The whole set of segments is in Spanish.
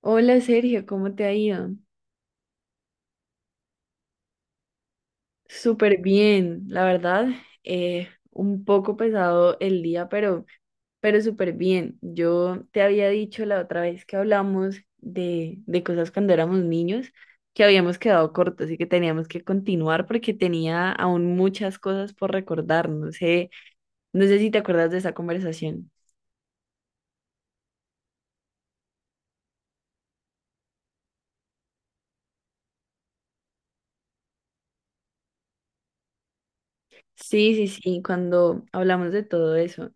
Hola Sergio, ¿cómo te ha ido? Súper bien, la verdad. Un poco pesado el día, pero súper bien. Yo te había dicho la otra vez que hablamos de cosas cuando éramos niños que habíamos quedado cortos y que teníamos que continuar porque tenía aún muchas cosas por recordar. No sé si te acuerdas de esa conversación. Sí, sí, sí, cuando hablamos de todo eso.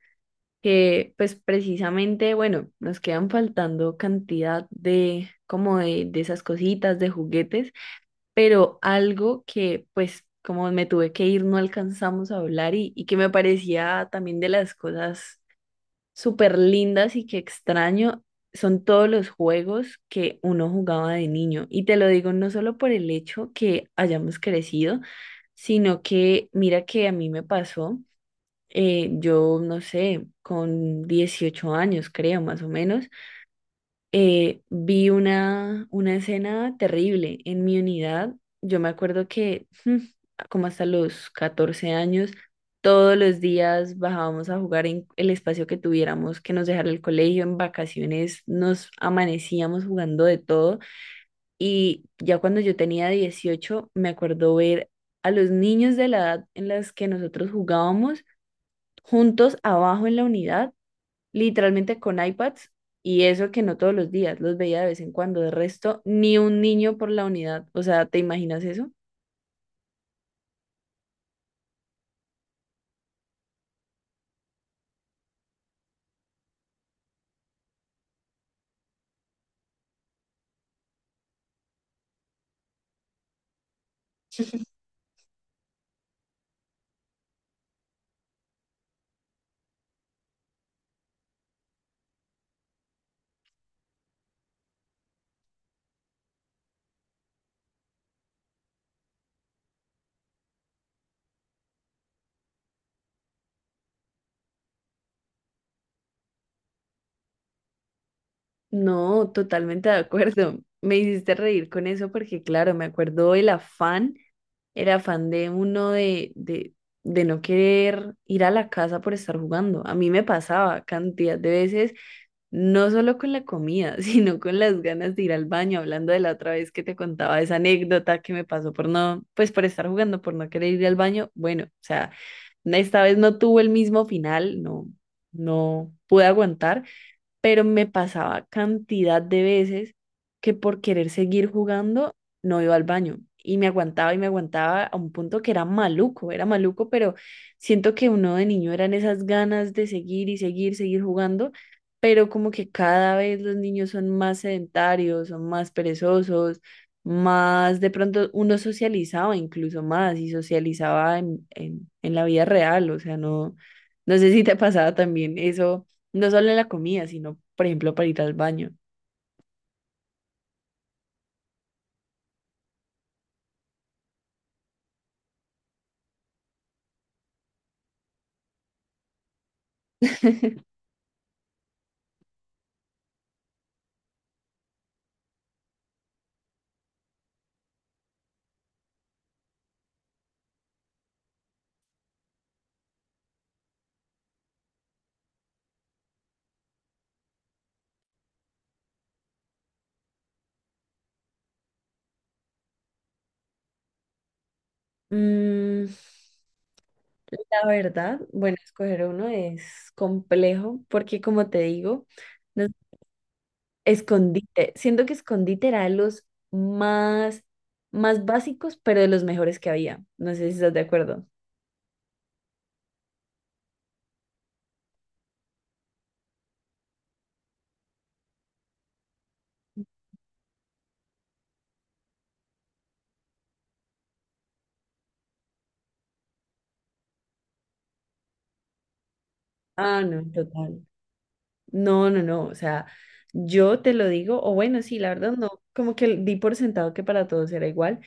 Que pues precisamente, bueno, nos quedan faltando cantidad de como de esas cositas, de juguetes, pero algo que pues como me tuve que ir no alcanzamos a hablar y que me parecía también de las cosas súper lindas y que extraño. Son todos los juegos que uno jugaba de niño. Y te lo digo no solo por el hecho que hayamos crecido, sino que mira que a mí me pasó yo no sé, con 18 años creo más o menos, vi una escena terrible en mi unidad. Yo me acuerdo que como hasta los 14 años, todos los días bajábamos a jugar en el espacio que tuviéramos que nos dejara el colegio, en vacaciones nos amanecíamos jugando de todo y ya cuando yo tenía 18 me acuerdo ver a los niños de la edad en las que nosotros jugábamos juntos abajo en la unidad, literalmente con iPads, y eso que no todos los días, los veía de vez en cuando, de resto, ni un niño por la unidad, o sea, ¿te imaginas eso? No, totalmente de acuerdo. Me hiciste reír con eso porque, claro, me acuerdo el afán de uno de no querer ir a la casa por estar jugando. A mí me pasaba cantidad de veces. No solo con la comida, sino con las ganas de ir al baño, hablando de la otra vez que te contaba esa anécdota que me pasó por no, pues por estar jugando, por no querer ir al baño. Bueno, o sea, esta vez no tuvo el mismo final, no, no pude aguantar, pero me pasaba cantidad de veces que por querer seguir jugando no iba al baño y me aguantaba a un punto que era maluco, pero siento que uno de niño eran esas ganas de seguir y seguir, seguir jugando, pero como que cada vez los niños son más sedentarios, son más perezosos. Más de pronto uno socializaba incluso más y socializaba en la vida real, o sea, no, no sé si te pasaba también eso no solo en la comida, sino, por ejemplo, para ir al baño. Mm, la verdad, bueno, escoger uno es complejo porque, como te digo, no- escondite. Siento que escondite era de los más, más básicos, pero de los mejores que había. No sé si estás de acuerdo. Ah, no, total. No, no, no. O sea, yo te lo digo, o bueno, sí, la verdad no, como que di por sentado que para todos era igual,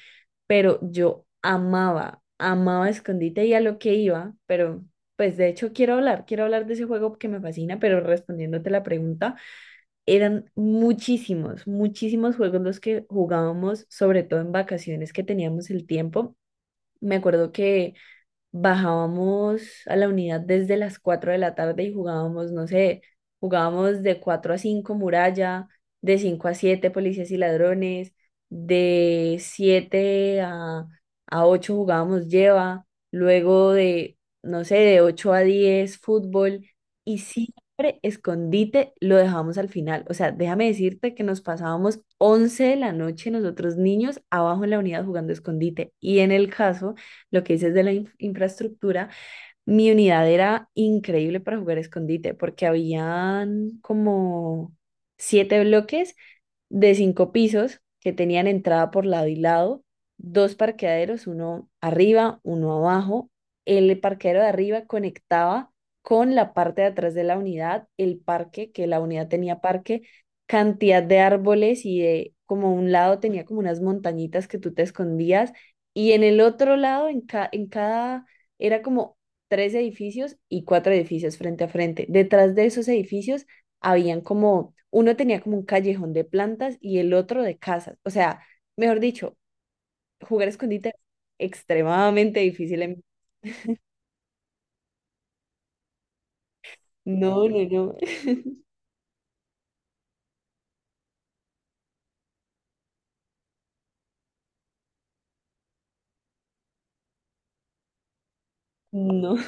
pero yo amaba, amaba escondite y a lo que iba, pero pues de hecho quiero hablar de ese juego que me fascina, pero respondiéndote la pregunta, eran muchísimos, muchísimos juegos los que jugábamos, sobre todo en vacaciones que teníamos el tiempo. Me acuerdo que bajábamos a la unidad desde las 4 de la tarde y jugábamos, no sé, jugábamos de 4 a 5 muralla, de 5 a 7 policías y ladrones, de 7 a 8 jugábamos lleva, luego de, no sé, de 8 a 10 fútbol y siempre escondite lo dejábamos al final. O sea, déjame decirte que nos pasábamos 11 de la noche nosotros niños abajo en la unidad jugando escondite y en el caso lo que dices de la infraestructura, mi unidad era increíble para jugar escondite porque habían como siete bloques de cinco pisos que tenían entrada por lado y lado, dos parqueaderos, uno arriba, uno abajo. El parqueadero de arriba conectaba con la parte de atrás de la unidad, el parque, que la unidad tenía parque, cantidad de árboles y de como un lado tenía como unas montañitas que tú te escondías y en el otro lado, en cada, era como tres edificios y cuatro edificios frente a frente. Detrás de esos edificios habían como, uno tenía como un callejón de plantas y el otro de casas. O sea, mejor dicho, jugar escondite es extremadamente difícil. No, no, no, no.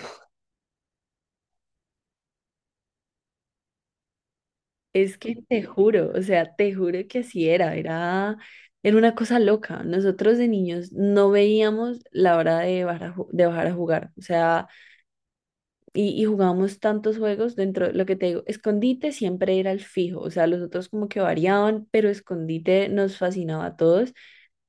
Es que te juro, o sea, te juro que así era, una cosa loca. Nosotros de niños no veíamos la hora de bajar de bajar a jugar. O sea, y jugábamos tantos juegos dentro, de lo que te digo, escondite siempre era el fijo, o sea, los otros como que variaban, pero escondite nos fascinaba a todos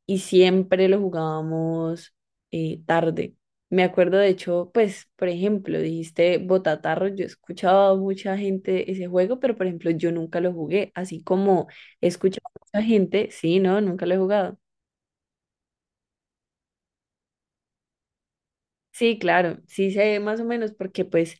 y siempre lo jugábamos tarde. Me acuerdo, de hecho, pues, por ejemplo, dijiste Botatarro, yo escuchaba a mucha gente ese juego, pero por ejemplo, yo nunca lo jugué, así como he escuchado a mucha gente, sí, no, nunca lo he jugado. Sí, claro, sí sé más o menos, porque pues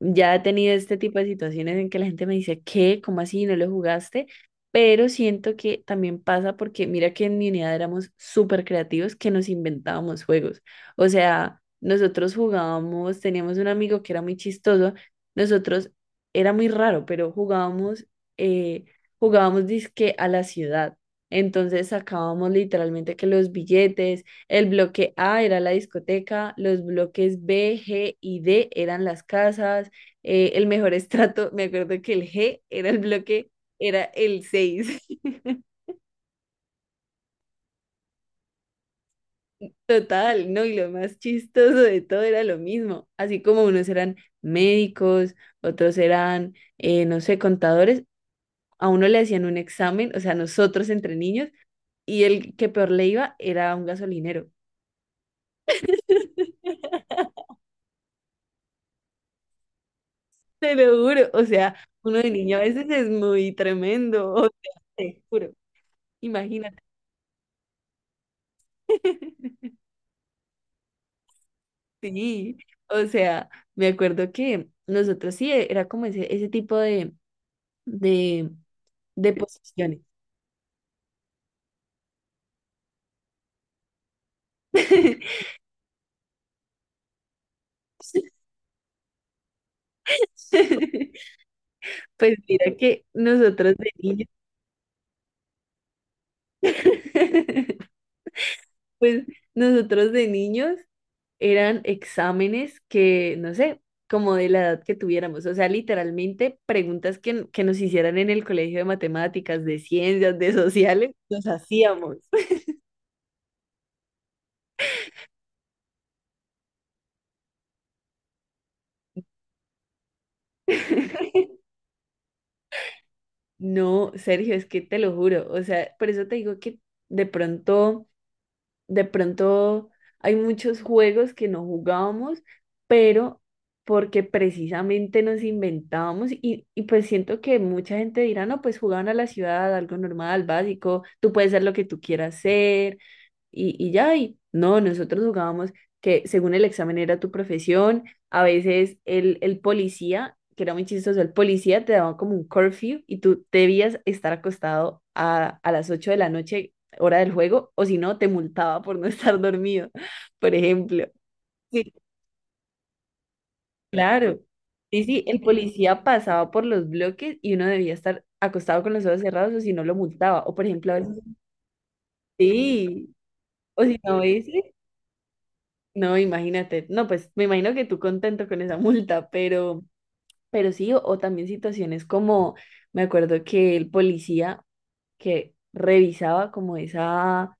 ya he tenido este tipo de situaciones en que la gente me dice, ¿qué? ¿Cómo así? ¿No lo jugaste? Pero siento que también pasa porque mira que en mi unidad éramos súper creativos que nos inventábamos juegos. O sea, nosotros jugábamos, teníamos un amigo que era muy chistoso, nosotros era muy raro, pero jugábamos, eh, jugábamos disque a la ciudad. Entonces sacábamos literalmente que los billetes, el bloque A era la discoteca, los bloques B, G y D eran las casas el mejor estrato, me acuerdo que el G era el bloque, era el seis. Total, ¿no? Y lo más chistoso de todo era lo mismo. Así como unos eran médicos, otros eran, no sé, contadores, a uno le hacían un examen, o sea, nosotros entre niños, y el que peor le iba era un gasolinero. Te lo juro, o sea, uno de niño a veces es muy tremendo, o sea, te juro, imagínate. Sí, o sea, me acuerdo que nosotros sí era como ese tipo de, de, de posiciones. Pues mira que nosotros de niños, pues nosotros de niños eran exámenes que, no sé, como de la edad que tuviéramos, o sea, literalmente preguntas que nos hicieran en el colegio de matemáticas, de ciencias, de sociales, nos hacíamos. No, Sergio, es que te lo juro, o sea, por eso te digo que de pronto, de pronto hay muchos juegos que no jugábamos, pero porque precisamente nos inventábamos y pues siento que mucha gente dirá, no, pues jugaban a la ciudad, algo normal, básico, tú puedes ser lo que tú quieras ser, y ya, y no, nosotros jugábamos que según el examen era tu profesión, a veces el policía, que era muy chistoso, el policía te daba como un curfew y tú debías estar acostado a las 8 de la noche, hora del juego, o si no, te multaba por no estar dormido, por ejemplo. Sí. Claro. Sí, sí, el policía pasaba por los bloques y uno debía estar acostado con los ojos cerrados o si no lo multaba. O por ejemplo, a veces, sí, o si no, a veces. No, imagínate. No, pues me imagino que tú contento con esa multa, pero, sí, o también situaciones como, me acuerdo que el policía que revisaba como esa,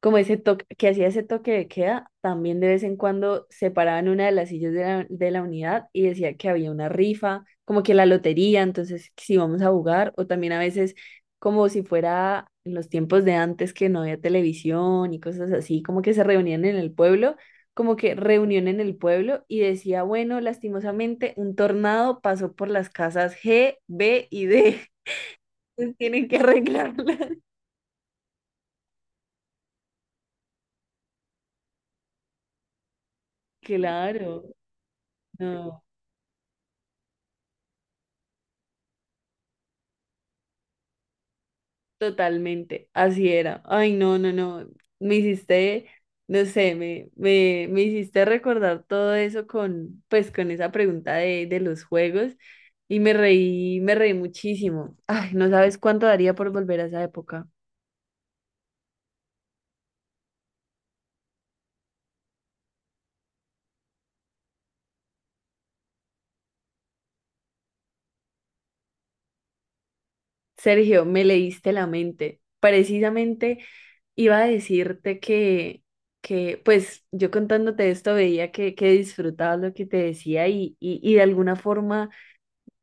como ese toque, que hacía ese toque de queda, también de vez en cuando se paraba en una de las sillas de la unidad y decía que había una rifa, como que la lotería, entonces si vamos a jugar, o también a veces como si fuera en los tiempos de antes que no había televisión y cosas así, como que se reunían en el pueblo, como que reunión en el pueblo y decía, bueno, lastimosamente un tornado pasó por las casas G, B y D, entonces tienen que arreglarla. Claro, no. Totalmente, así era. Ay, no, no, no. Me hiciste, no sé, me hiciste recordar todo eso con, pues, con esa pregunta de los juegos y me reí muchísimo. Ay, no sabes cuánto daría por volver a esa época. Sergio, me leíste la mente. Precisamente iba a decirte que pues, yo contándote esto veía que disfrutabas lo que te decía y de alguna forma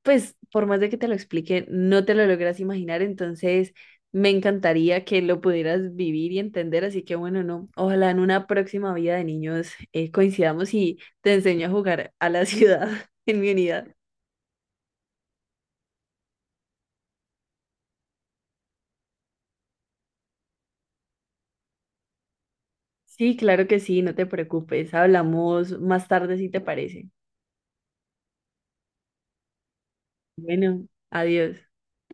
pues por más de que te lo explique, no te lo logras imaginar, entonces me encantaría que lo pudieras vivir y entender, así que bueno, no, ojalá en una próxima vida de niños coincidamos y te enseño a jugar a la ciudad en mi unidad. Sí, claro que sí, no te preocupes, hablamos más tarde si te parece. Bueno, adiós.